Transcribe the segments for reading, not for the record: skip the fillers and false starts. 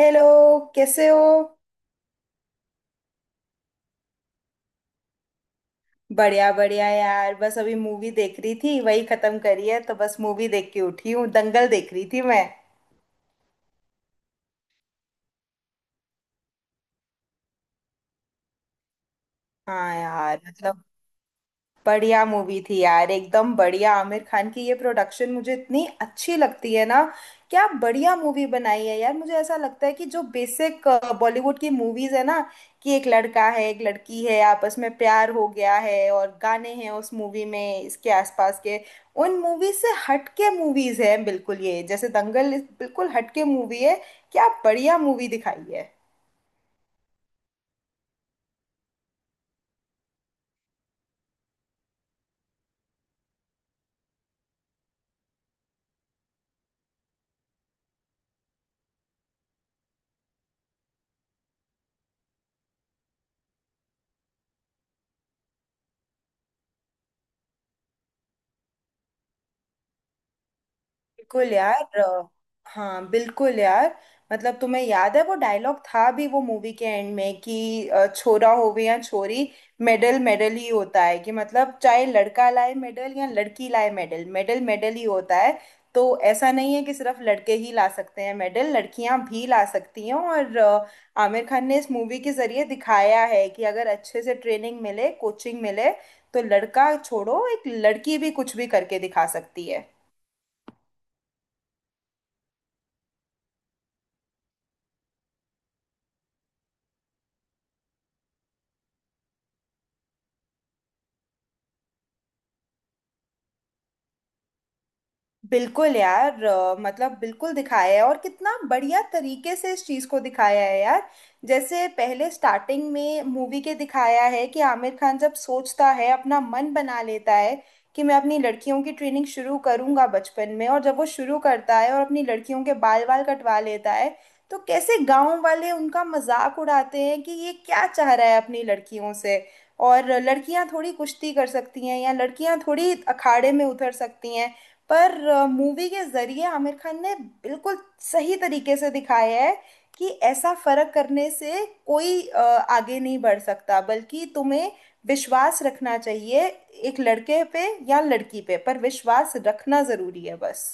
Hello. कैसे हो? बढ़िया बढ़िया यार, बस अभी मूवी देख रही थी, वही खत्म करी है। तो बस मूवी देख के उठी हूँ, दंगल देख रही थी मैं। हाँ यार, मतलब बढ़िया मूवी थी यार, एकदम बढ़िया। आमिर खान की ये प्रोडक्शन मुझे इतनी अच्छी लगती है ना। क्या बढ़िया मूवी बनाई है यार। मुझे ऐसा लगता है कि जो बेसिक बॉलीवुड की मूवीज है ना, कि एक लड़का है, एक लड़की है, आपस में प्यार हो गया है और गाने हैं उस मूवी में, इसके आसपास के उन मूवीज से हटके मूवीज है बिल्कुल ये, जैसे दंगल बिल्कुल हटके मूवी है। क्या बढ़िया मूवी दिखाई है। बिल्कुल यार। हाँ बिल्कुल यार। मतलब तुम्हें याद है वो डायलॉग था भी, वो मूवी के एंड में, कि छोरा होवे या छोरी, मेडल मेडल ही होता है। कि मतलब चाहे लड़का लाए मेडल या लड़की लाए मेडल, मेडल मेडल ही होता है। तो ऐसा नहीं है कि सिर्फ लड़के ही ला सकते हैं मेडल, लड़कियां भी ला सकती हैं। और आमिर खान ने इस मूवी के जरिए दिखाया है कि अगर अच्छे से ट्रेनिंग मिले, कोचिंग मिले, तो लड़का छोड़ो, एक लड़की भी कुछ भी करके दिखा सकती है। बिल्कुल यार। मतलब बिल्कुल दिखाया है, और कितना बढ़िया तरीके से इस चीज को दिखाया है यार। जैसे पहले स्टार्टिंग में मूवी के दिखाया है कि आमिर खान जब सोचता है, अपना मन बना लेता है कि मैं अपनी लड़कियों की ट्रेनिंग शुरू करूंगा बचपन में, और जब वो शुरू करता है और अपनी लड़कियों के बाल वाल कटवा लेता है, तो कैसे गांव वाले उनका मजाक उड़ाते हैं कि ये क्या चाह रहा है अपनी लड़कियों से, और लड़कियां थोड़ी कुश्ती कर सकती हैं या लड़कियां थोड़ी अखाड़े में उतर सकती हैं। पर मूवी के जरिए आमिर खान ने बिल्कुल सही तरीके से दिखाया है कि ऐसा फर्क करने से कोई आगे नहीं बढ़ सकता, बल्कि तुम्हें विश्वास रखना चाहिए। एक लड़के पे या लड़की पे, पर विश्वास रखना जरूरी है बस।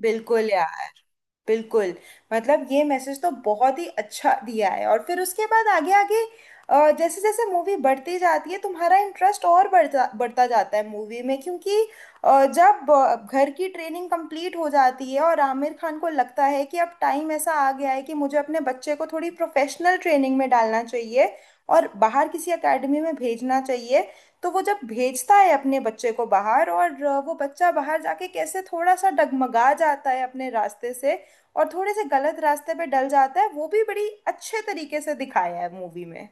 बिल्कुल यार, बिल्कुल। मतलब ये मैसेज तो बहुत ही अच्छा दिया है, और फिर उसके बाद आगे आगे जैसे जैसे मूवी बढ़ती जाती है, तुम्हारा इंटरेस्ट और बढ़ता बढ़ता जाता है मूवी में। क्योंकि जब घर की ट्रेनिंग कंप्लीट हो जाती है और आमिर खान को लगता है कि अब टाइम ऐसा आ गया है कि मुझे अपने बच्चे को थोड़ी प्रोफेशनल ट्रेनिंग में डालना चाहिए और बाहर किसी एकेडमी में भेजना चाहिए। तो वो जब भेजता है अपने बच्चे को बाहर, और वो बच्चा बाहर जाके कैसे थोड़ा सा डगमगा जाता है अपने रास्ते से, और थोड़े से गलत रास्ते पे डल जाता है, वो भी बड़ी अच्छे तरीके से दिखाया है मूवी में।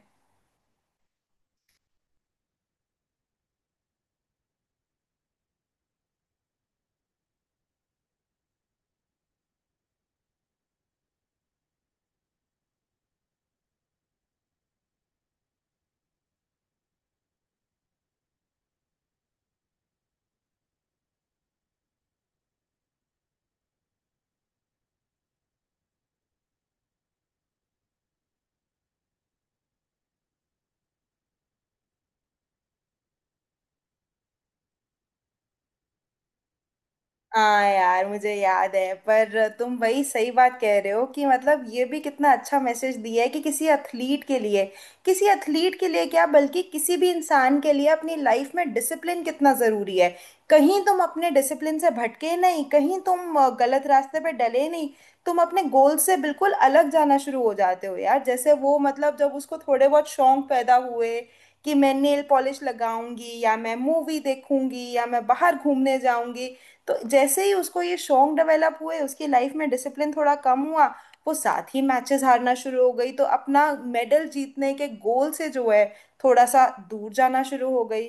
हाँ यार, मुझे याद है। पर तुम वही सही बात कह रहे हो कि मतलब ये भी कितना अच्छा मैसेज दिया है कि किसी एथलीट के लिए, किसी एथलीट के लिए क्या, बल्कि किसी भी इंसान के लिए अपनी लाइफ में डिसिप्लिन कितना ज़रूरी है। कहीं तुम अपने डिसिप्लिन से भटके नहीं, कहीं तुम गलत रास्ते पे डले नहीं, तुम अपने गोल से बिल्कुल अलग जाना शुरू हो जाते हो यार। जैसे वो, मतलब जब उसको थोड़े बहुत शौक पैदा हुए कि मैं नेल पॉलिश लगाऊंगी या मैं मूवी देखूंगी या मैं बाहर घूमने जाऊंगी, तो जैसे ही उसको ये शौक डेवलप हुए, उसकी लाइफ में डिसिप्लिन थोड़ा कम हुआ, वो साथ ही मैचेस हारना शुरू हो गई। तो अपना मेडल जीतने के गोल से जो है, थोड़ा सा दूर जाना शुरू हो गई।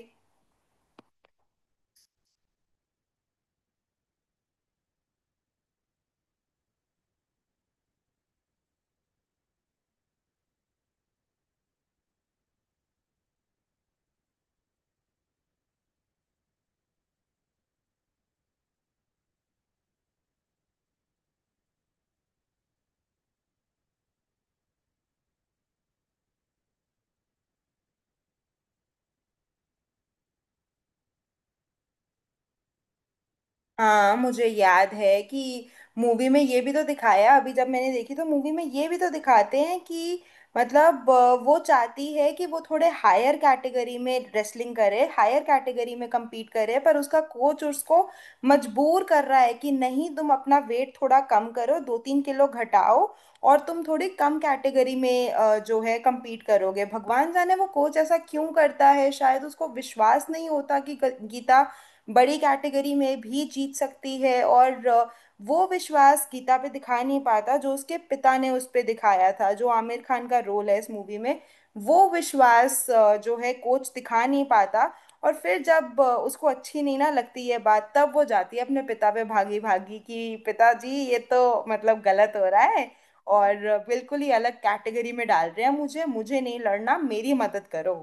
हाँ मुझे याद है कि मूवी में ये भी तो दिखाया, अभी जब मैंने देखी तो मूवी में ये भी तो दिखाते हैं, कि मतलब वो चाहती है कि वो थोड़े हायर कैटेगरी में रेसलिंग करे, हायर कैटेगरी में compete करे, पर उसका कोच उसको मजबूर कर रहा है कि नहीं, तुम अपना वेट थोड़ा कम करो, दो तीन किलो घटाओ, और तुम थोड़ी कम कैटेगरी में जो है compete करोगे। भगवान जाने वो कोच ऐसा क्यों करता है, शायद उसको विश्वास नहीं होता कि गीता बड़ी कैटेगरी में भी जीत सकती है। और वो विश्वास गीता पे दिखा नहीं पाता जो उसके पिता ने उस पे दिखाया था, जो आमिर खान का रोल है इस मूवी में। वो विश्वास जो है कोच दिखा नहीं पाता। और फिर जब उसको अच्छी नहीं ना लगती है बात, तब वो जाती है अपने पिता पे भागी भागी कि पिताजी, ये तो मतलब गलत हो रहा है। और बिल्कुल ही अलग कैटेगरी में डाल रहे हैं, मुझे मुझे नहीं लड़ना, मेरी मदद करो।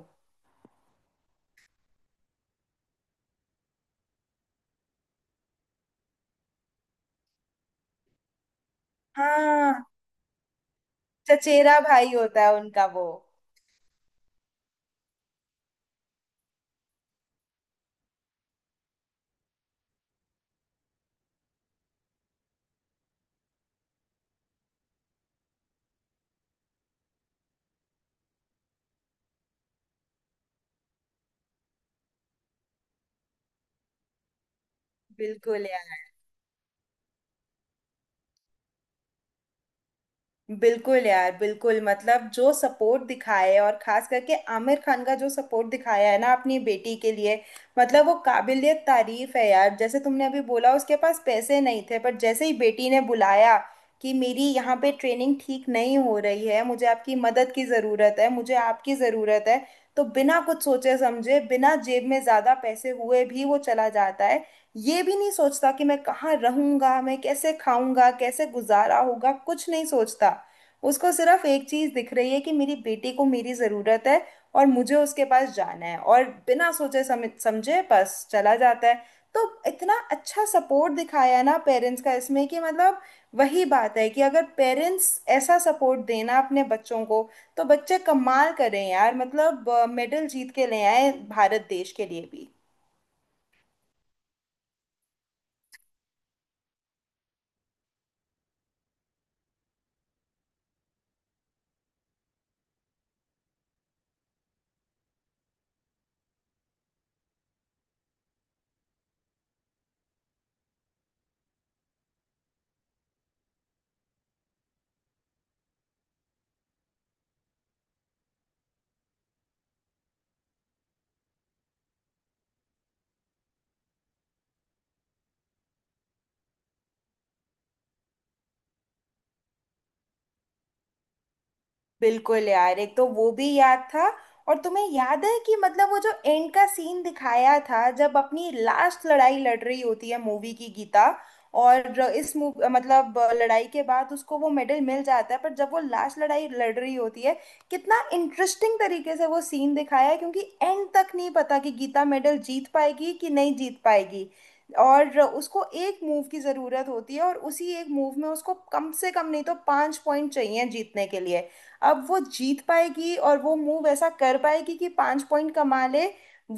हाँ, चचेरा भाई होता है उनका वो। बिल्कुल यार। बिल्कुल यार, बिल्कुल। मतलब जो सपोर्ट दिखाए, और खास करके आमिर खान का जो सपोर्ट दिखाया है ना अपनी बेटी के लिए, मतलब वो काबिलियत तारीफ है यार। जैसे तुमने अभी बोला, उसके पास पैसे नहीं थे, पर जैसे ही बेटी ने बुलाया कि मेरी यहाँ पे ट्रेनिंग ठीक नहीं हो रही है, मुझे आपकी मदद की ज़रूरत है, मुझे आपकी ज़रूरत है, तो बिना कुछ सोचे समझे, बिना जेब में ज़्यादा पैसे हुए भी वो चला जाता है। ये भी नहीं सोचता कि मैं कहाँ रहूंगा, मैं कैसे खाऊंगा, कैसे गुजारा होगा, कुछ नहीं सोचता। उसको सिर्फ एक चीज दिख रही है कि मेरी बेटी को मेरी जरूरत है, और मुझे उसके पास जाना है, और बिना सोचे समझे बस चला जाता है। तो इतना अच्छा सपोर्ट दिखाया है ना पेरेंट्स का इसमें, कि मतलब वही बात है कि अगर पेरेंट्स ऐसा सपोर्ट देना अपने बच्चों को, तो बच्चे कमाल करें यार। मतलब मेडल जीत के ले आए भारत देश के लिए भी। बिल्कुल यार, एक तो वो भी याद था। और तुम्हें याद है कि मतलब वो जो एंड का सीन दिखाया था, जब अपनी लास्ट लड़ाई लड़ रही होती है मूवी की गीता, और इस मूव, मतलब लड़ाई के बाद उसको वो मेडल मिल जाता है, पर जब वो लास्ट लड़ाई लड़ रही होती है, कितना इंटरेस्टिंग तरीके से वो सीन दिखाया है। क्योंकि एंड तक नहीं पता कि गीता मेडल जीत पाएगी कि नहीं जीत पाएगी, और उसको एक मूव की ज़रूरत होती है, और उसी एक मूव में उसको कम से कम नहीं तो पाँच पॉइंट चाहिए जीतने के लिए। अब वो जीत पाएगी और वो मूव ऐसा कर पाएगी कि पांच पॉइंट कमा ले,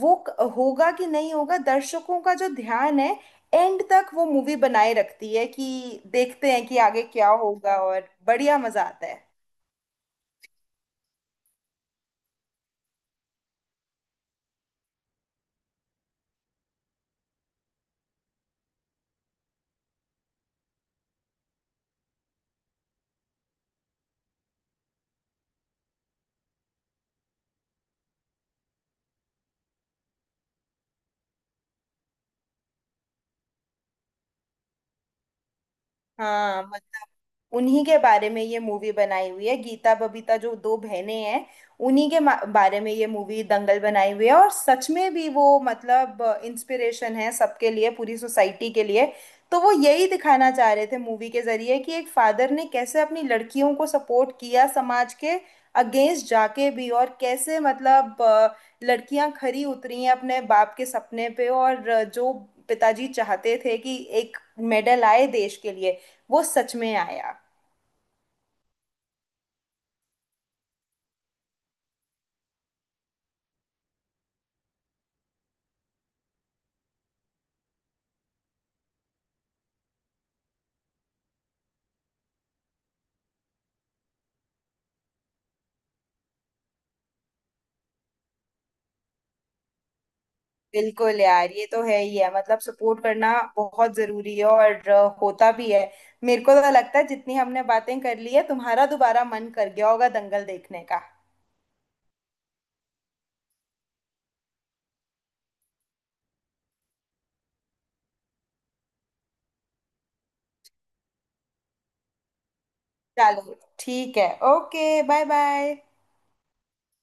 वो होगा कि नहीं होगा, दर्शकों का जो ध्यान है एंड तक वो मूवी बनाए रखती है, कि देखते हैं कि आगे क्या होगा, और बढ़िया मजा आता है। हाँ मतलब उन्हीं के बारे में ये मूवी बनाई हुई है, गीता बबीता जो दो बहनें हैं, उन्हीं के बारे में ये मूवी दंगल बनाई हुई है। और सच में भी वो मतलब इंस्पिरेशन है सबके लिए, पूरी सोसाइटी के लिए। तो वो यही दिखाना चाह रहे थे मूवी के जरिए कि एक फादर ने कैसे अपनी लड़कियों को सपोर्ट किया समाज के अगेंस्ट जाके भी, और कैसे मतलब लड़कियां खरी उतरी हैं अपने बाप के सपने पे। और जो पिताजी चाहते थे कि एक मेडल आए देश के लिए, वो सच में आया। बिल्कुल यार, ये तो है ही है। मतलब सपोर्ट करना बहुत जरूरी है, और होता भी है। मेरे को तो लगता है जितनी हमने बातें कर ली है, तुम्हारा दोबारा मन कर गया होगा दंगल देखने का। चलो ठीक है, ओके बाय बाय।